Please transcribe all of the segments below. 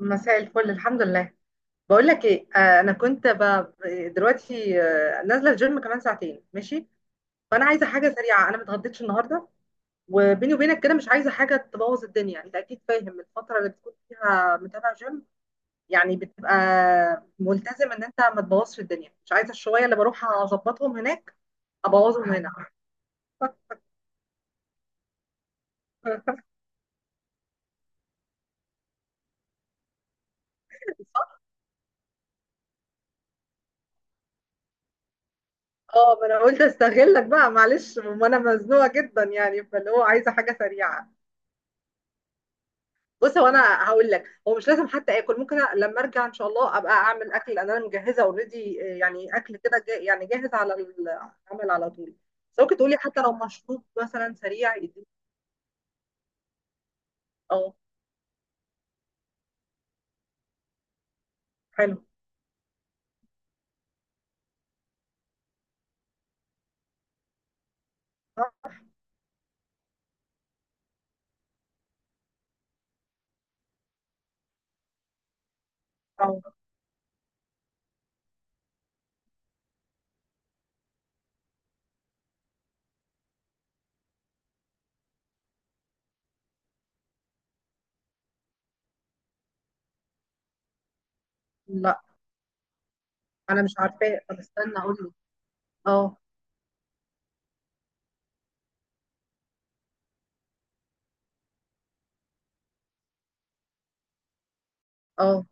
مساء الفل، الحمد لله. بقول لك ايه، دلوقتي نازله الجيم كمان ساعتين، ماشي. فانا عايزه حاجه سريعه، انا ما اتغديتش النهارده. وبيني وبينك كده مش عايزه حاجه تبوظ الدنيا. انت اكيد فاهم الفتره اللي بتكون فيها متابع جيم، يعني بتبقى ملتزم ان انت ما تبوظش الدنيا. مش عايزه الشويه اللي بروح اظبطهم هناك ابوظهم هنا. صح؟ اه، ما انا قلت استغلك بقى، معلش، ما انا مزنوقه جدا، يعني فاللي هو عايزه حاجه سريعه. بص، هو انا هقول لك، هو مش لازم حتى اكل، ممكن لما ارجع ان شاء الله ابقى اعمل اكل. انا مجهزه اوريدي، يعني اكل كده يعني جاهز على العمل على طول. بس ممكن تقولي حتى لو مشروب مثلا سريع يديني. اه. حلو. صح. اه. لا انا مش عارفاه، طب استنى اقول لك. اه. اه.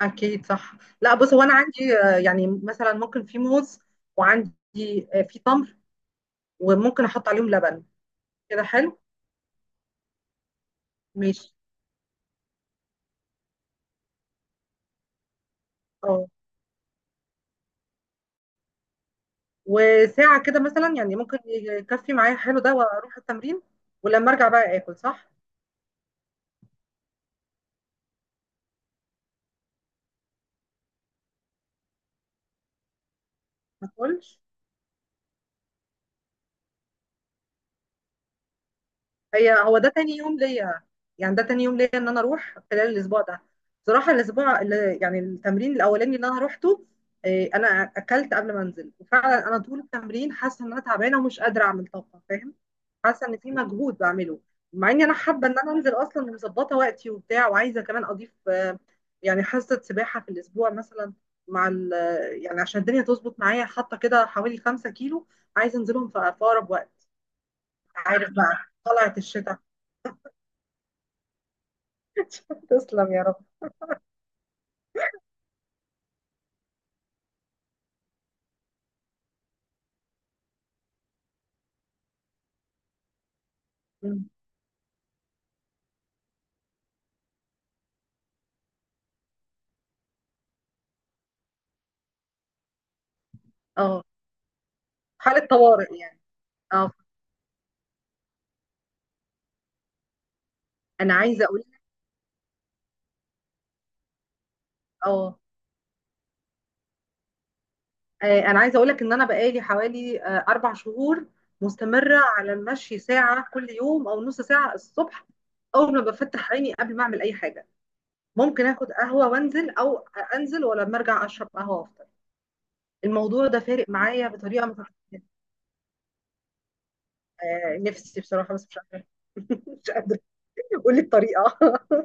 اكيد صح. لا بص، هو انا عندي، يعني مثلا ممكن في موز، وعندي في تمر، وممكن احط عليهم لبن. كده حلو. ماشي. اه. وساعة كده مثلا يعني ممكن يكفي معايا حلو ده واروح التمرين. ولما ارجع بقى اكل صح. ما اكلش. هي هو ده تاني يوم ليا، يعني ده تاني يوم ليا ان انا اروح خلال الاسبوع ده. صراحه الاسبوع اللي يعني التمرين الاولاني اللي انا روحته، إيه، انا اكلت قبل ما انزل، وفعلا انا طول التمرين حاسه ان انا تعبانه ومش قادره اعمل طاقه، فاهم. حاسه ان في مجهود بعمله، مع اني انا حابه ان انا انزل اصلا ومظبطه وقتي وبتاع، وعايزه كمان اضيف يعني حصه سباحه في الاسبوع مثلا، مع ال، يعني عشان الدنيا تظبط معايا. حاطه كده حوالي 5 كيلو، عايزه انزلهم في اقرب وقت. عارف بقى، طلعت الشتاء. تسلم يا رب. مم. اه. حالة طوارئ يعني. اه. انا عايزة اقول لك. اه. انا عايزة اقول لك ان انا بقالي حوالي 4 شهور مستمرة على المشي، ساعة كل يوم او نص ساعة الصبح، اول ما بفتح عيني قبل ما اعمل اي حاجة. ممكن اخد قهوة وانزل، او انزل ولما ارجع اشرب قهوة وافطر. الموضوع ده فارق معايا بطريقة نفسي بصراحة، بس مش قادرة. مش قادرة. قولي الطريقة.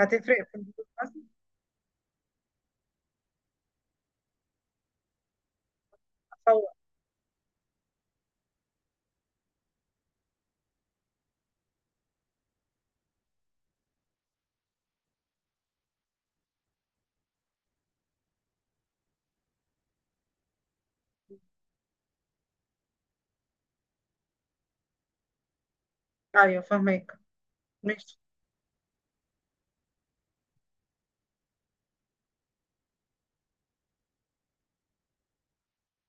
هتفرق في الفلوس بس. ايوه فاهمك. ماشي.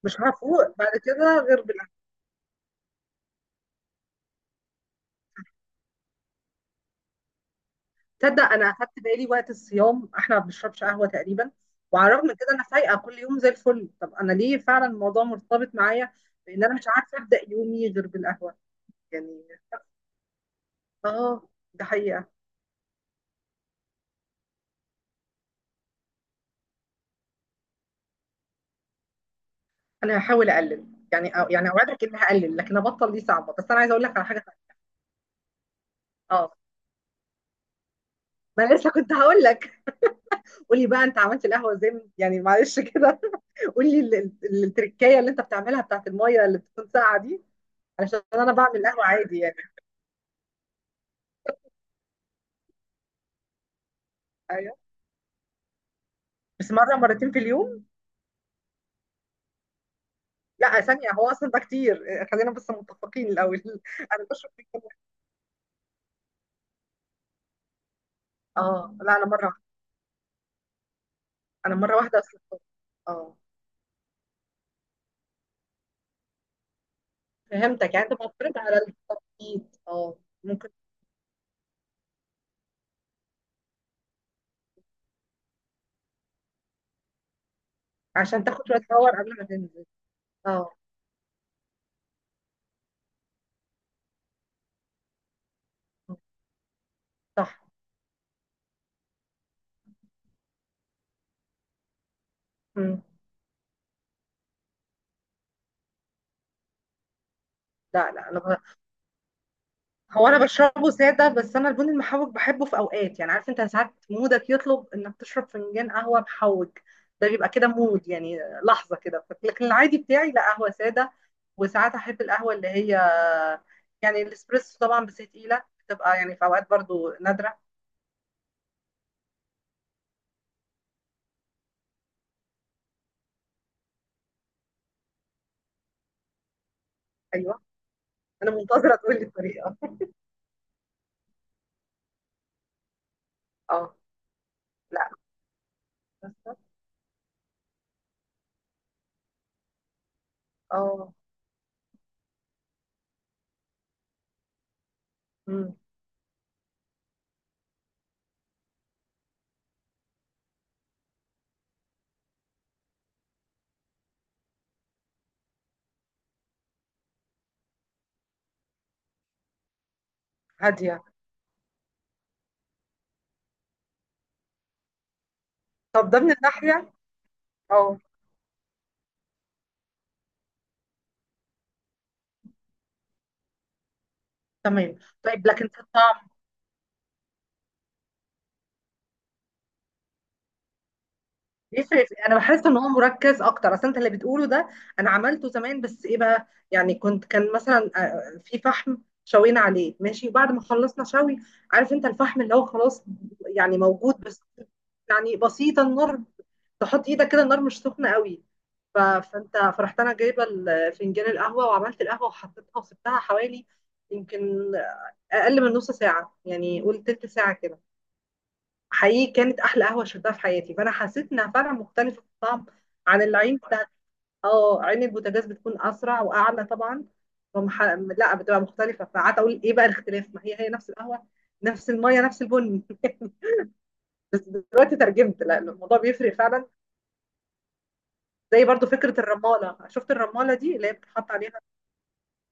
مش هفوق بعد كده غير بالعافيه. تصدق، انا اخدت بالي وقت الصيام احنا ما بنشربش قهوه تقريبا، وعلى الرغم من كده انا فايقه كل يوم زي الفل. طب انا ليه؟ فعلا الموضوع مرتبط معايا بان انا مش عارفه ابدا يومي غير بالقهوه، يعني. اه. ده حقيقه. انا هحاول اقلل، يعني، أو يعني اوعدك اني هقلل، لكن ابطل دي صعبه. بس انا عايزه اقول لك على حاجه ثانيه. اه، ما أنا لسه كنت هقول لك. قولي بقى، انت عملت القهوه ازاي يعني معلش كده. قولي التركية اللي انت بتعملها بتاعت الميه اللي بتكون ساقعه دي، علشان انا بعمل قهوه عادي يعني. ايوه. بس مره مرتين في اليوم؟ لا ثانيه، هو اصلا ده كتير. خلينا بس متفقين الاول. انا بشرب في الجامعة. اه لا، انا مره واحده، انا مره واحده اصلا. اه. فهمتك، يعني انت معترض على التخطيط، اه. ممكن. عشان تاخد شويه باور قبل ما تنزل. اه. صح. مم. لا لا. انا هو انا بشربه ساده، بس انا البن المحوج بحبه في اوقات، يعني عارف انت ساعات مودك يطلب انك تشرب فنجان قهوه محوج. ده بيبقى كده مود يعني، لحظه كده، لكن العادي بتاعي لا، قهوه ساده. وساعات احب القهوه اللي هي، يعني الاسبريسو طبعا، بس هي تقيله بتبقى يعني، في اوقات برضو نادره. ايوه، انا منتظره تقول لي الطريقه. اه. لا. بس- اه. أمم. هاديه. طب ده من الناحيه. اه تمام. طيب لكن بيفرق انا بحس ان هو مركز اكتر، اصل انت اللي بتقوله ده. انا عملته زمان، بس ايه بقى يعني، كنت كان مثلا في فحم شوينا عليه، ماشي؟ وبعد ما خلصنا شوي، عارف انت الفحم اللي هو خلاص، يعني موجود بس، يعني بسيطه النار، تحط ايدك كده النار مش سخنه قوي. فانت فرحت، انا جايبه فنجان القهوه وعملت القهوه وحطيتها، وسبتها حوالي، يمكن اقل من نص ساعه، يعني قول تلت ساعه كده. حقيقي كانت احلى قهوه شربتها في حياتي، فانا حسيت انها فعلا مختلفه في الطعم عن العين بتاعت. اه، عين البوتاجاز بتكون اسرع واعلى طبعا. فمح... لا بتبقى مختلفه. فقعدت اقول ايه بقى الاختلاف؟ ما هي هي نفس القهوه، نفس الميه، نفس البن. بس دلوقتي ترجمت، لا الموضوع بيفرق فعلا. زي برضو فكره الرماله، شفت الرماله دي اللي هي بتحط عليها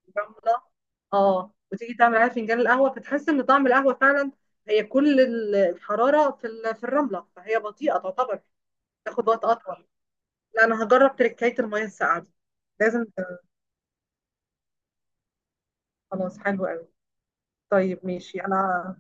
الرمله. اه. وتيجي تعمل عليها فنجان القهوه، فتحس ان طعم القهوه فعلا، هي كل الحراره في في الرمله، فهي بطيئه تعتبر، تاخد وقت اطول. لا، انا هجرب تركاية المية الساقعة دي. لازم خلاص، حلو قوي. طيب ماشي. انا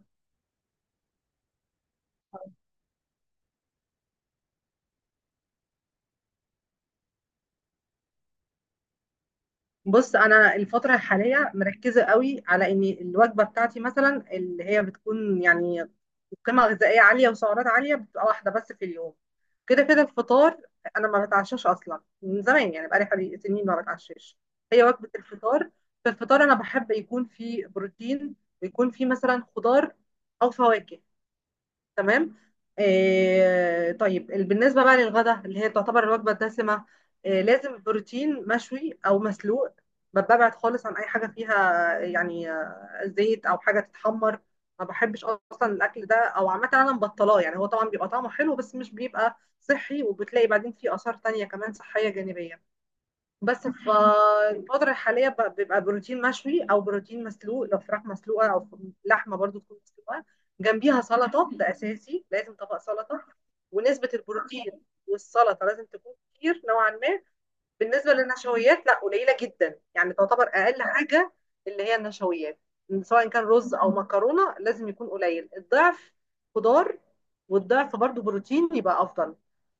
بص، انا الفترة الحالية مركزة قوي على ان الوجبة بتاعتي مثلا اللي هي بتكون يعني قيمة غذائية عالية وسعرات عالية، بتبقى واحدة بس في اليوم، كده كده الفطار. انا ما بتعشاش اصلا من زمان، يعني بقالي حوالي سنين ما بتعشاش. هي وجبة الفطار، في الفطار انا بحب يكون فيه بروتين، ويكون فيه مثلا خضار او فواكه. تمام. آه طيب بالنسبة بقى للغدا اللي هي تعتبر الوجبة الدسمة، آه لازم بروتين مشوي أو مسلوق. ببعد خالص عن أي حاجة فيها يعني زيت أو حاجة تتحمر. ما بحبش أصلا الأكل ده، أو عامة أنا مبطلاه يعني. هو طبعا بيبقى طعمه حلو بس مش بيبقى صحي، وبتلاقي بعدين فيه آثار تانية كمان صحية جانبية. بس فالفترة الحالية بيبقى بروتين مشوي أو بروتين مسلوق، لو فراخ مسلوقة أو لحمة برضو تكون مسلوقة، جنبيها سلطة. ده أساسي، لازم طبق سلطة. ونسبة البروتين والسلطة لازم تكون كتير نوعا ما. بالنسبة للنشويات لا، قليلة جدا، يعني تعتبر أقل حاجة اللي هي النشويات، سواء كان رز أو مكرونة، لازم يكون قليل. الضعف خضار، والضعف برضو بروتين، يبقى أفضل.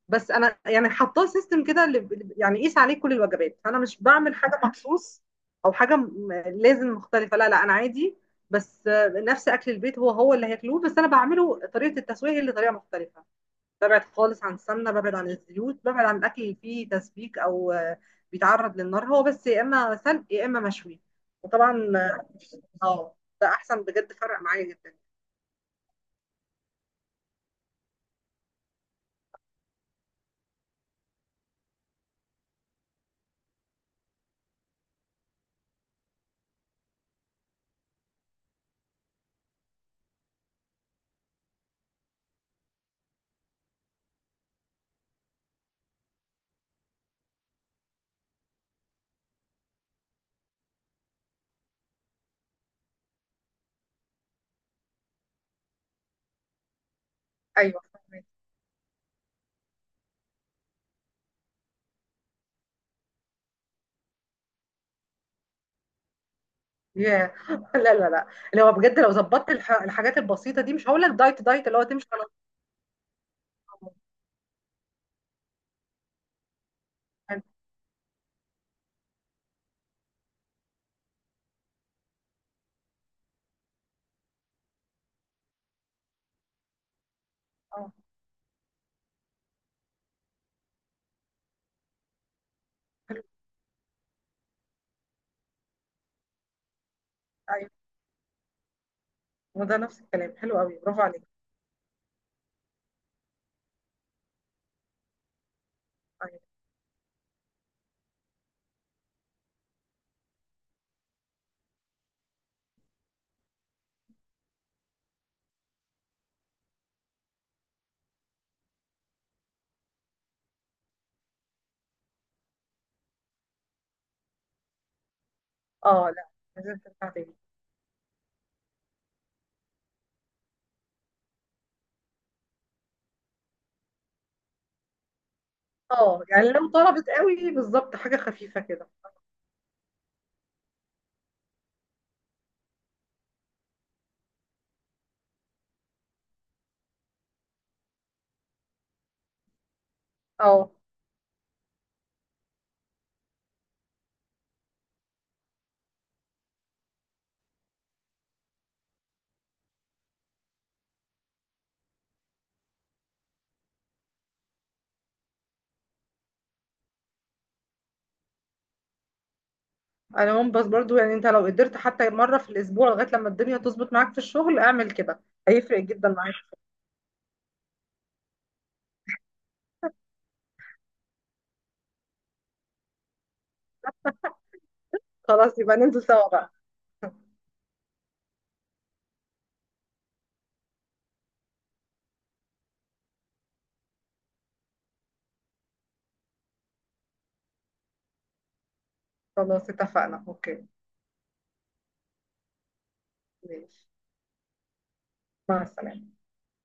بس انا يعني حطاه سيستم كده يعني قيس عليه كل الوجبات، انا مش بعمل حاجه مخصوص او حاجه لازم مختلفه، لا لا، انا عادي. بس نفس اكل البيت، هو هو اللي هياكلوه، بس انا بعمله طريقه التسويه هي اللي طريقه مختلفه. ببعد خالص عن السمنه، ببعد عن الزيوت، ببعد عن الاكل اللي فيه تسبيك او بيتعرض للنار، هو بس يا اما سلق يا اما مشوي. وطبعا، اه، ده احسن بجد، فرق معايا جدا. ايوه. ياه. لا لا لا، اللي هو بجد لو ظبطت الحاجات البسيطه دي، مش هقول لك دايت دايت اللي هو تمشي على الطعام. حلو. اه. حلو. ايوه. وده نفس الكلام، حلو قوي، برافو عليك. ايوه. اه لا، لازم ترجع تاني. اه يعني لو طلبت قوي، بالظبط حاجه خفيفه كده. اه. انا هم، بس برضو يعني انت لو قدرت حتى مره في الاسبوع لغايه لما الدنيا تظبط معاك في الشغل، اعمل كده هيفرق جدا معاك. خلاص يبقى ننزل سوا بقى. خلاص، اتفقنا. اوكي. ماشي. مع السلامه.